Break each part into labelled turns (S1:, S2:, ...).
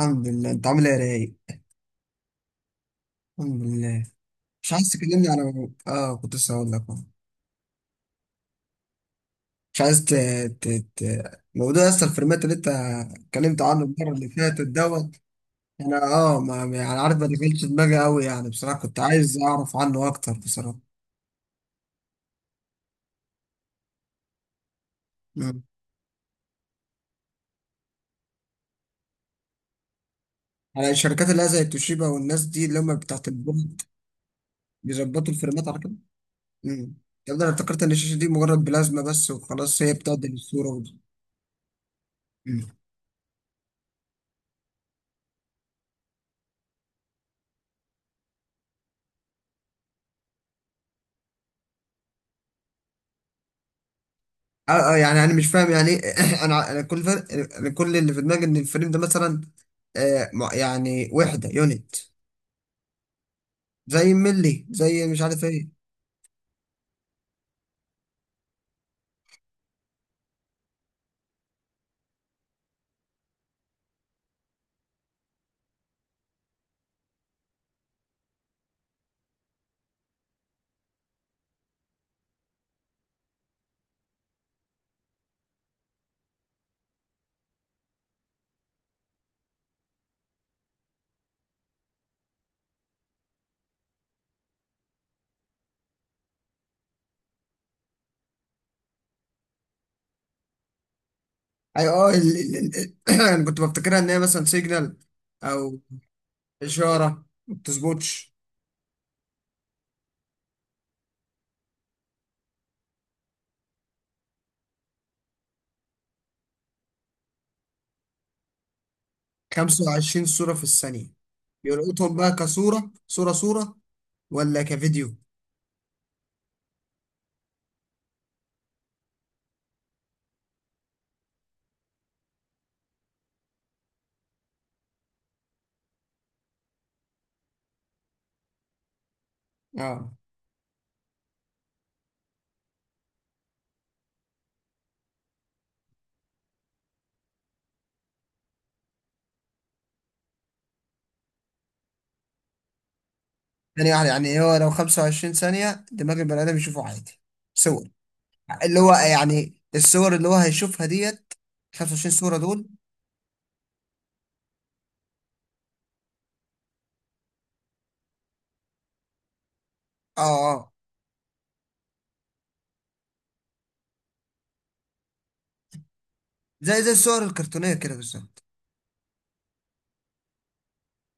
S1: الحمد لله. انت عامل ايه يا رايق؟ الحمد لله. مش عايز تكلمني على كنت لسه هقول لك اهو. مش عايز ت... موضوع اصلا الفريمات اللي انت اتكلمت عنه المره اللي فاتت دوت. انا ما يعني عارف، ما دخلتش دماغي قوي يعني، بصراحه كنت عايز اعرف عنه اكتر بصراحه. مم. على الشركات اللي هي زي توشيبا والناس دي اللي هم بتاعت البورد، بيظبطوا الفريمات على كده. امم ده انا افتكرت ان الشاشه دي مجرد بلازما بس وخلاص، هي بتعدل الصوره وده. اه يعني انا مش فاهم يعني ايه. انا كل اللي في دماغي ان الفريم ده مثلا يعني وحده يونت. زي ملي، زي مش عارف ايه. اي اه ال... ال... ال... انا كنت بفتكرها ان هي مثلا سيجنال او اشاره ما بتظبطش. 25 صوره في الثانيه؟ بيلقطهم بقى كصوره صوره صوره ولا كفيديو؟ اه يعني هو لو 25 ثانيه دماغ البني ادم يشوفه عادي، صور. اللي هو يعني الصور اللي هو هيشوفها ديت 25 صورة دول. اه اه زي الصور الكرتونية كده بالظبط.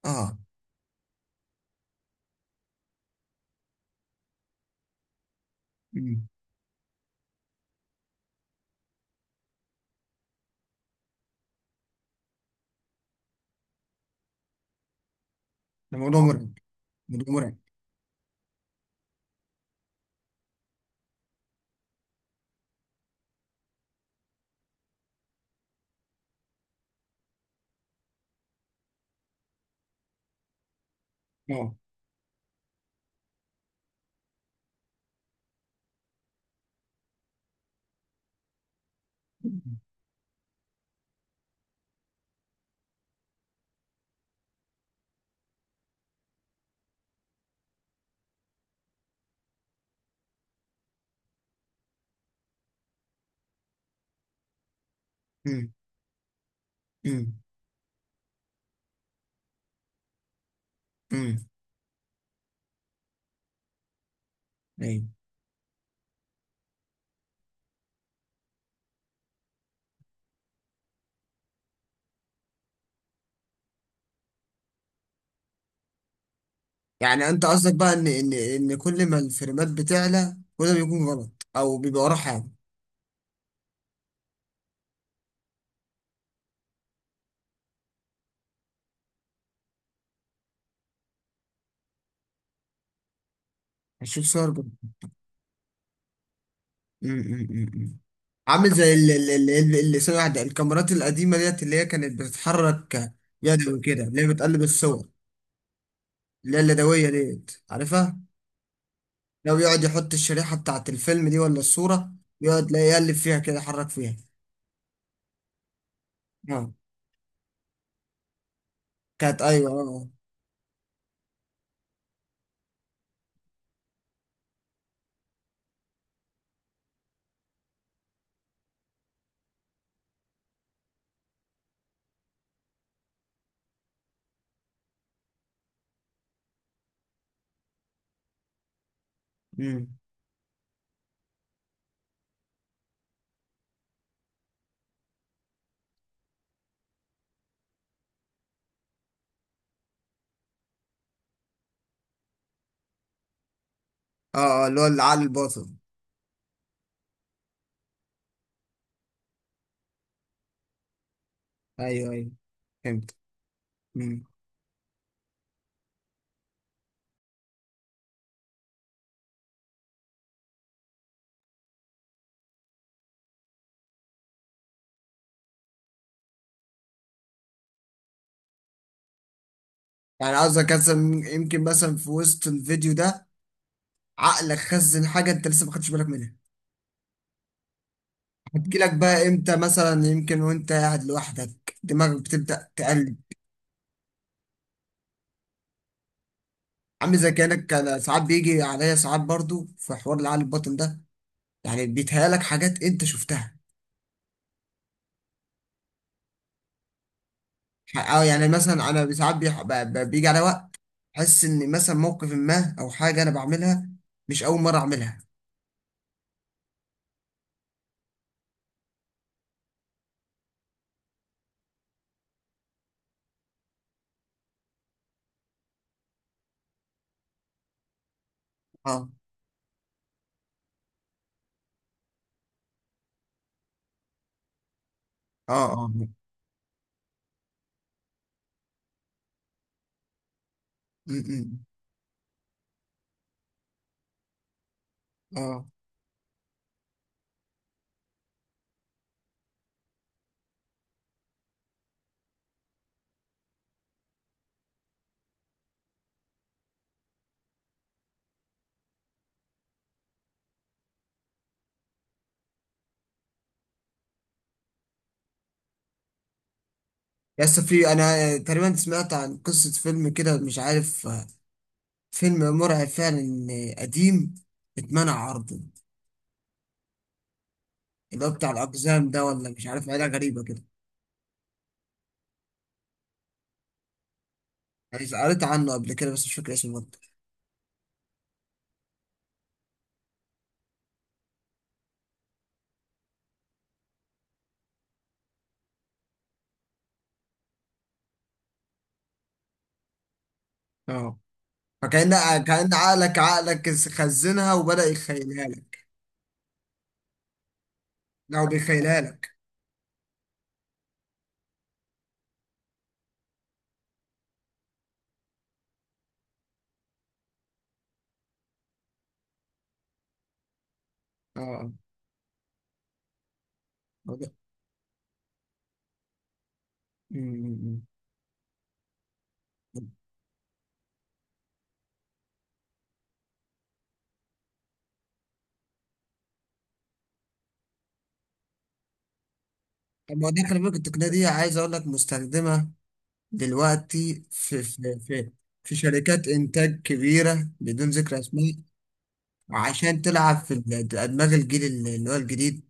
S1: اه. مم. ده موضوع مرعب، موضوع مرعب. اه. امم امم امم ايوه. يعني انت قصدك بقى ان ان كل ما الفريمات بتعلى كل ما بيكون غلط او بيبقى وراه حاجه؟ هشوف صور بقى. أمم، أمم، أمم. عامل زي اللي سنة واحدة، الكاميرات القديمة ديت اللي هي كانت بتتحرك يدوي كده، اللي هي بتقلب الصور، اللي هي اليدوية ديت، عارفها؟ لو يقعد يحط الشريحة بتاعت الفيلم دي ولا الصورة، يقعد لا يقلب فيها كده يحرك فيها. اه. كانت، أيوه، اه. أمم. اه اه، اللي هو العقل الباطن. أيوه أيوه، فهمت. أمم. يعني قصدك مثلا، يمكن مثلا في وسط الفيديو ده عقلك خزن حاجة أنت لسه ما خدتش بالك منها، هتجيلك بقى إمتى، مثلا يمكن وأنت قاعد لوحدك دماغك بتبدأ تقلب. عامل زي كأنك، كان ساعات بيجي عليا ساعات برضو في حوار العقل الباطن ده، يعني بيتهيألك حاجات أنت شفتها. اه، يعني مثلا انا ساعات بيجي على وقت احس ان مثلا موقف ما او حاجه انا بعملها مش اول مره اعملها. اه اه اه م- م- اه. يس، في، انا تقريبا سمعت عن قصه فيلم كده مش عارف، آه، فيلم مرعب فعلا، آه، قديم، اتمنع عرضه. اللي هو بتاع الاقزام ده ولا مش عارف، حاجه غريبه كده. انا قريت عنه قبل كده بس مش فاكر اسمه برضه. اه. فكأن، كأن عقلك، خزنها وبدأ يخيلها لك او بيخيلها لك. اه. مم. طب ما هو دي، خلي بالك التقنية دي عايز أقول لك مستخدمة دلوقتي في في في شركات إنتاج كبيرة بدون ذكر أسماء، عشان تلعب في أدماغ الجيل اللي هو الجديد.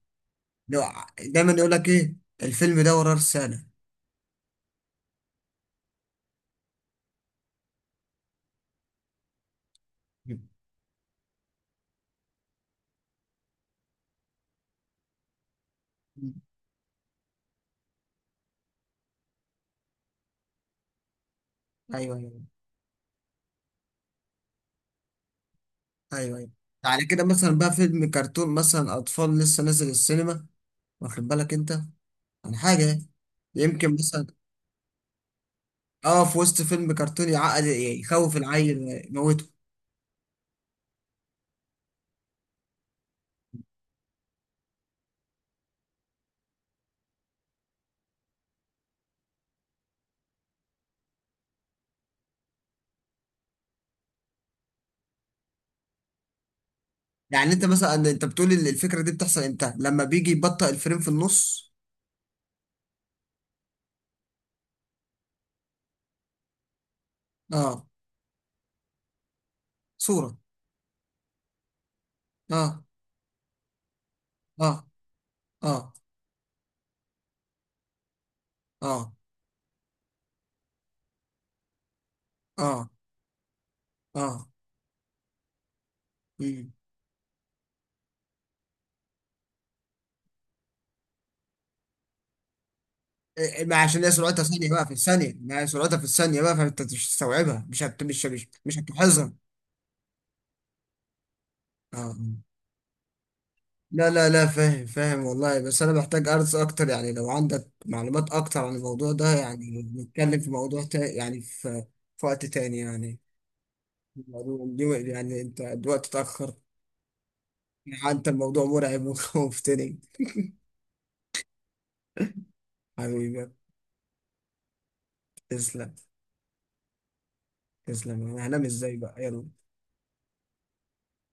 S1: لو دايما يقول لك إيه، الفيلم ده وراه رسالة. مم. أيوه أيوه، أيوه أيوه. على كده مثلا بقى فيلم كرتون مثلا أطفال لسه نازل السينما، واخد بالك أنت عن حاجة؟ يمكن مثلا، اه، في وسط فيلم كرتون يعقد يخوف العيل ويموته. يعني انت مثلا، انت بتقول الفكره دي بتحصل امتى، لما بيجي يبطئ الفريم في النص؟ اه. صوره. اه اه اه اه اه اه مم. إيه، إيه، ما عشان هي سرعتها ثانيه بقى في الثانيه، ما هي سرعتها في الثانيه بقى، فانت مش هتستوعبها، مش هتلاحظها. اه. لا لا لا، فاهم فاهم والله، بس انا محتاج ارز اكتر يعني. لو عندك معلومات اكتر عن الموضوع ده يعني نتكلم في موضوع يعني في في وقت تاني يعني. الموضوع، يعني انت الوقت اتاخر، حتى الموضوع مرعب ومفتري. حبيبي، تسلم. تسلم. انا هنام ازاي بقى؟ يلا.